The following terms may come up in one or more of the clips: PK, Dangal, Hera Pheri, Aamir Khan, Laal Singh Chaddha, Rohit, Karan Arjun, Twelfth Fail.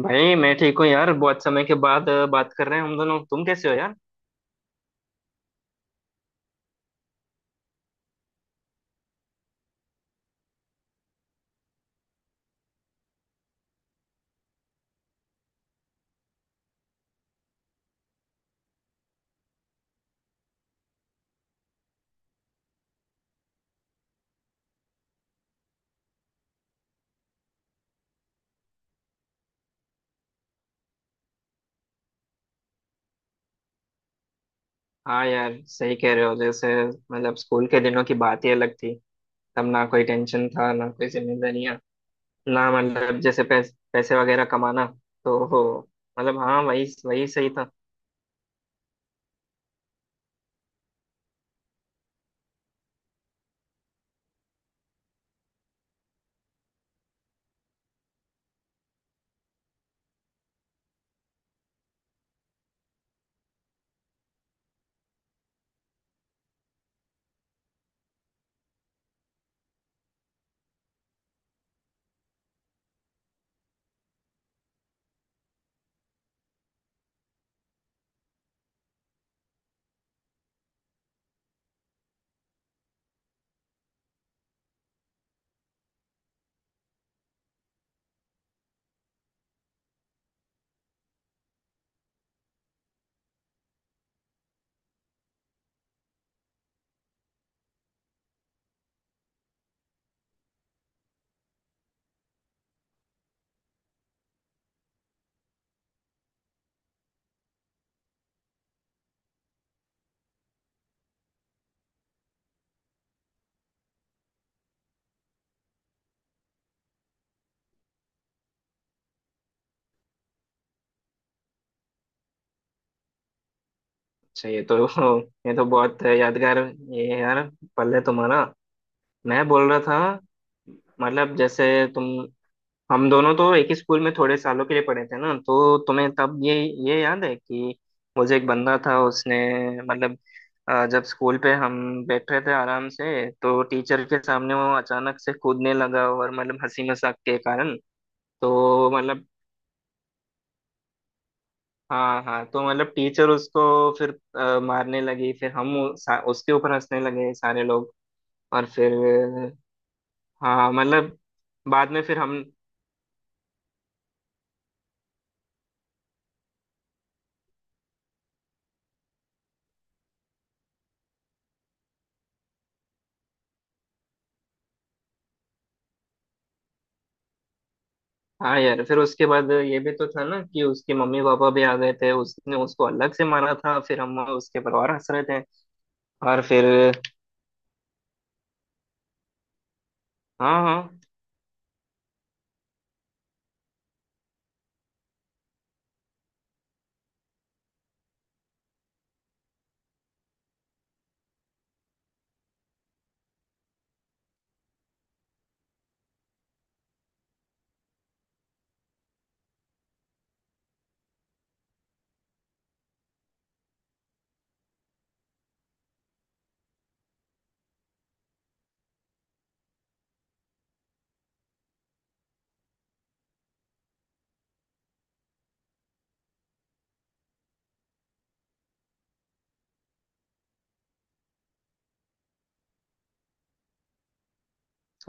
भाई मैं ठीक हूँ यार। बहुत समय के बाद बात कर रहे हैं हम दोनों। तुम कैसे हो यार? हाँ यार, सही कह रहे हो। जैसे मतलब स्कूल के दिनों की बात ही अलग थी। तब ना कोई टेंशन था ना कोई जिम्मेदारियाँ। ना मतलब जैसे पैसे वगैरह कमाना। तो हो, मतलब हाँ, वही वही सही था। अच्छा, ये तो ये तो बहुत यादगार ये है यार। पल है तुम्हारा। मैं बोल रहा था, मतलब जैसे तुम, हम दोनों तो एक ही स्कूल में थोड़े सालों के लिए पढ़े थे ना। तो तुम्हें तब ये याद है कि मुझे एक बंदा था उसने मतलब जब स्कूल पे हम बैठ रहे थे आराम से तो टीचर के सामने वो अचानक से कूदने लगा और मतलब हंसी मजाक के कारण। तो मतलब हाँ हाँ, तो मतलब टीचर उसको फिर मारने लगी। फिर हम उसके ऊपर हंसने लगे सारे लोग। और फिर हाँ मतलब बाद में फिर हम। हाँ यार, फिर उसके बाद ये भी तो था ना कि उसके मम्मी पापा भी आ गए थे, उसने उसको अलग से मारा था। फिर हम उसके परिवार हंस रहे थे। और फिर हाँ हाँ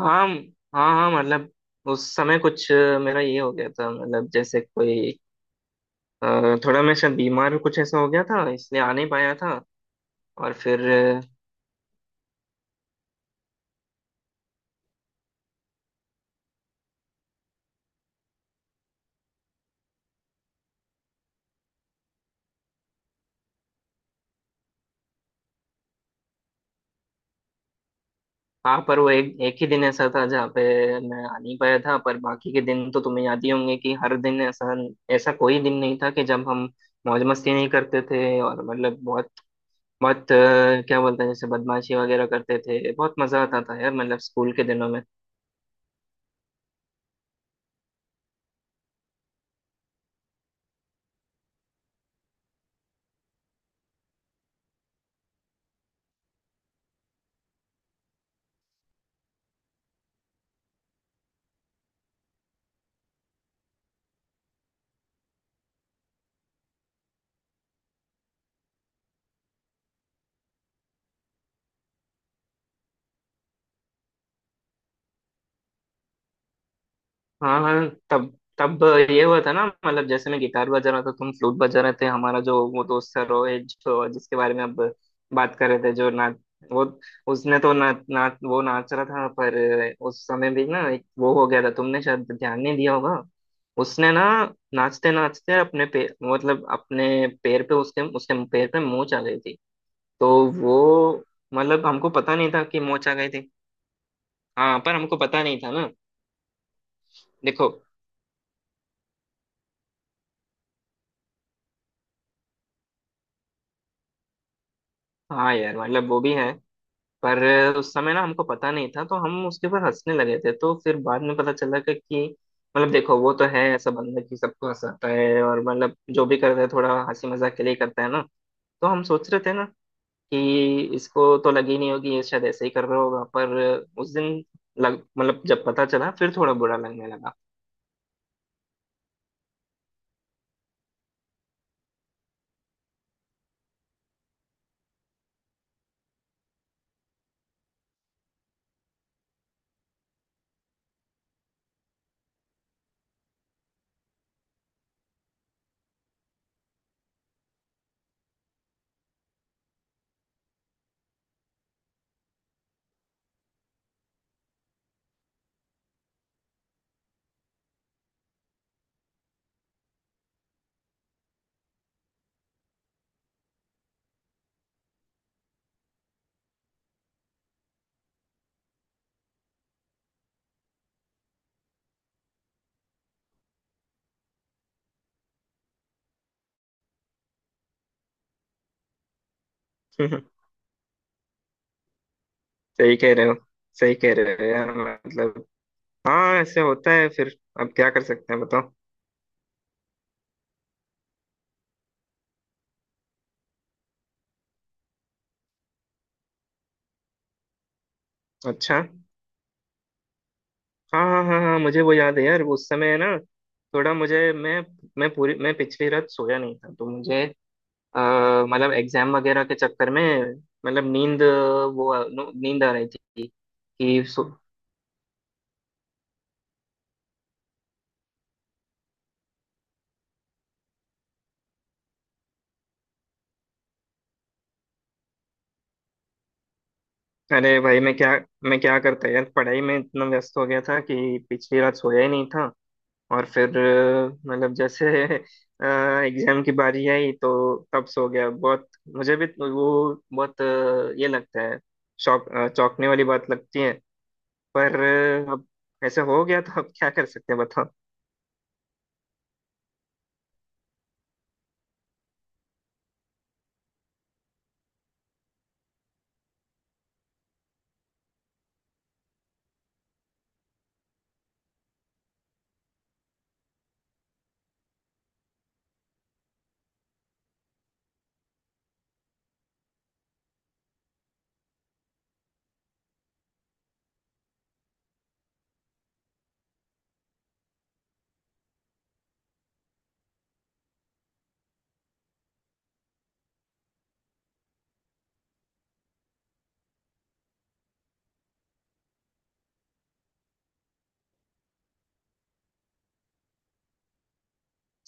हाँ हाँ, हाँ मतलब उस समय कुछ मेरा ये हो गया था। मतलब जैसे कोई अ, थोड़ा मैं शायद बीमार कुछ ऐसा हो गया था, इसलिए आ नहीं पाया था। और फिर हाँ, पर वो एक एक ही दिन ऐसा था जहाँ पे मैं आ नहीं पाया था। पर बाकी के दिन तो तुम्हें याद ही होंगे कि हर दिन ऐसा, ऐसा कोई दिन नहीं था कि जब हम मौज मस्ती नहीं करते थे। और मतलब बहुत बहुत क्या बोलते हैं, जैसे बदमाशी वगैरह करते थे। बहुत मजा आता था यार, मतलब स्कूल के दिनों में। हाँ हाँ, तब तब ये हुआ था ना, मतलब जैसे मैं गिटार बजा रहा था, तुम फ्लूट बजा रहे थे। हमारा जो वो दोस्त था रोहित, जो जिसके बारे में अब बात कर रहे थे, जो नाच वो उसने तो ना ना वो नाच रहा था। पर उस समय भी ना एक वो हो गया था, तुमने शायद ध्यान नहीं दिया होगा। उसने ना नाचते नाचते अपने पैर, मतलब अपने पैर पे, उसके उसके पैर पे मोच आ गई थी। तो वो मतलब हमको पता नहीं था कि मोच आ गई थी। हाँ, पर हमको पता नहीं था ना। देखो, हाँ यार मतलब वो भी है। पर उस समय ना हमको पता नहीं था, तो हम उसके ऊपर हंसने लगे थे। तो फिर बाद में पता चला कि मतलब देखो, वो तो है ऐसा बंदा कि सबको हंसाता है, और मतलब जो भी करता है थोड़ा हंसी मजाक के लिए करता है ना। तो हम सोच रहे थे ना कि इसको तो लगी नहीं होगी, ये शायद ऐसे ही कर रहा होगा। पर उस दिन लग मतलब जब पता चला फिर थोड़ा बुरा लगने लगा। सही कह रहे हो, सही कह रहे हो यार मतलब। हाँ, ऐसे होता है फिर। अब क्या कर सकते हैं बताओ? अच्छा, हाँ हाँ हाँ हाँ, मुझे वो याद है यार। उस समय ना थोड़ा मुझे मैं पूरी मैं पिछली रात सोया नहीं था तो मुझे मतलब एग्जाम वगैरह के चक्कर में मतलब नींद, वो नींद आ रही थी कि सो। अरे भाई, मैं क्या, मैं क्या करता यार? पढ़ाई में इतना व्यस्त हो गया था कि पिछली रात सोया ही नहीं था। और फिर मतलब जैसे एग्जाम की बारी आई तो तब सो गया। बहुत मुझे भी वो बहुत ये लगता है, शौक चौंकने वाली बात लगती है। पर अब ऐसा हो गया तो अब क्या कर सकते हैं बताओ?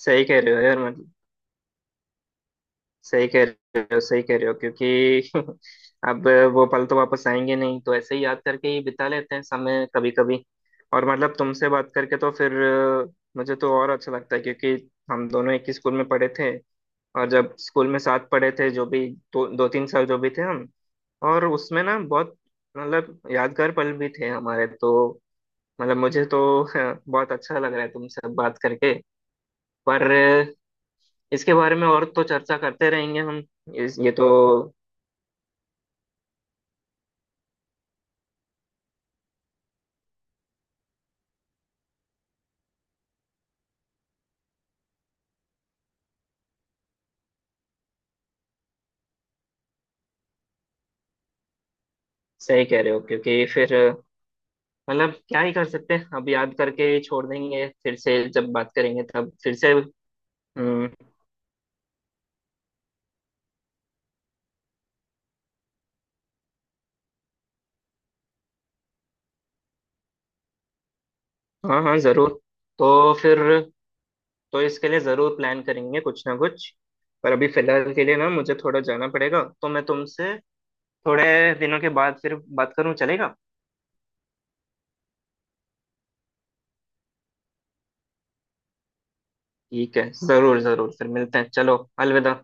सही कह रहे हो यार मतलब, सही कह रहे हो, सही कह रहे हो क्योंकि अब वो पल तो वापस आएंगे नहीं, तो ऐसे ही याद करके ही बिता लेते हैं समय कभी कभी। और मतलब तुमसे बात करके तो फिर मुझे तो और अच्छा लगता है क्योंकि हम दोनों एक ही स्कूल में पढ़े थे। और जब स्कूल में साथ पढ़े थे जो भी दो दो तीन साल जो भी थे हम, और उसमें ना बहुत मतलब यादगार पल भी थे हमारे। तो मतलब मुझे तो बहुत अच्छा लग रहा है तुमसे बात करके। पर इसके बारे में और तो चर्चा करते रहेंगे हम। ये तो सही कह रहे हो क्योंकि फिर मतलब क्या ही कर सकते हैं? अब याद करके छोड़ देंगे, फिर से जब बात करेंगे तब फिर से। हम्म। हाँ हाँ जरूर। तो फिर, तो इसके लिए जरूर प्लान करेंगे कुछ ना कुछ। पर अभी फिलहाल के लिए ना मुझे थोड़ा जाना पड़ेगा, तो मैं तुमसे थोड़े दिनों के बाद फिर बात करूं, चलेगा? ठीक है, जरूर जरूर फिर मिलते हैं। चलो अलविदा।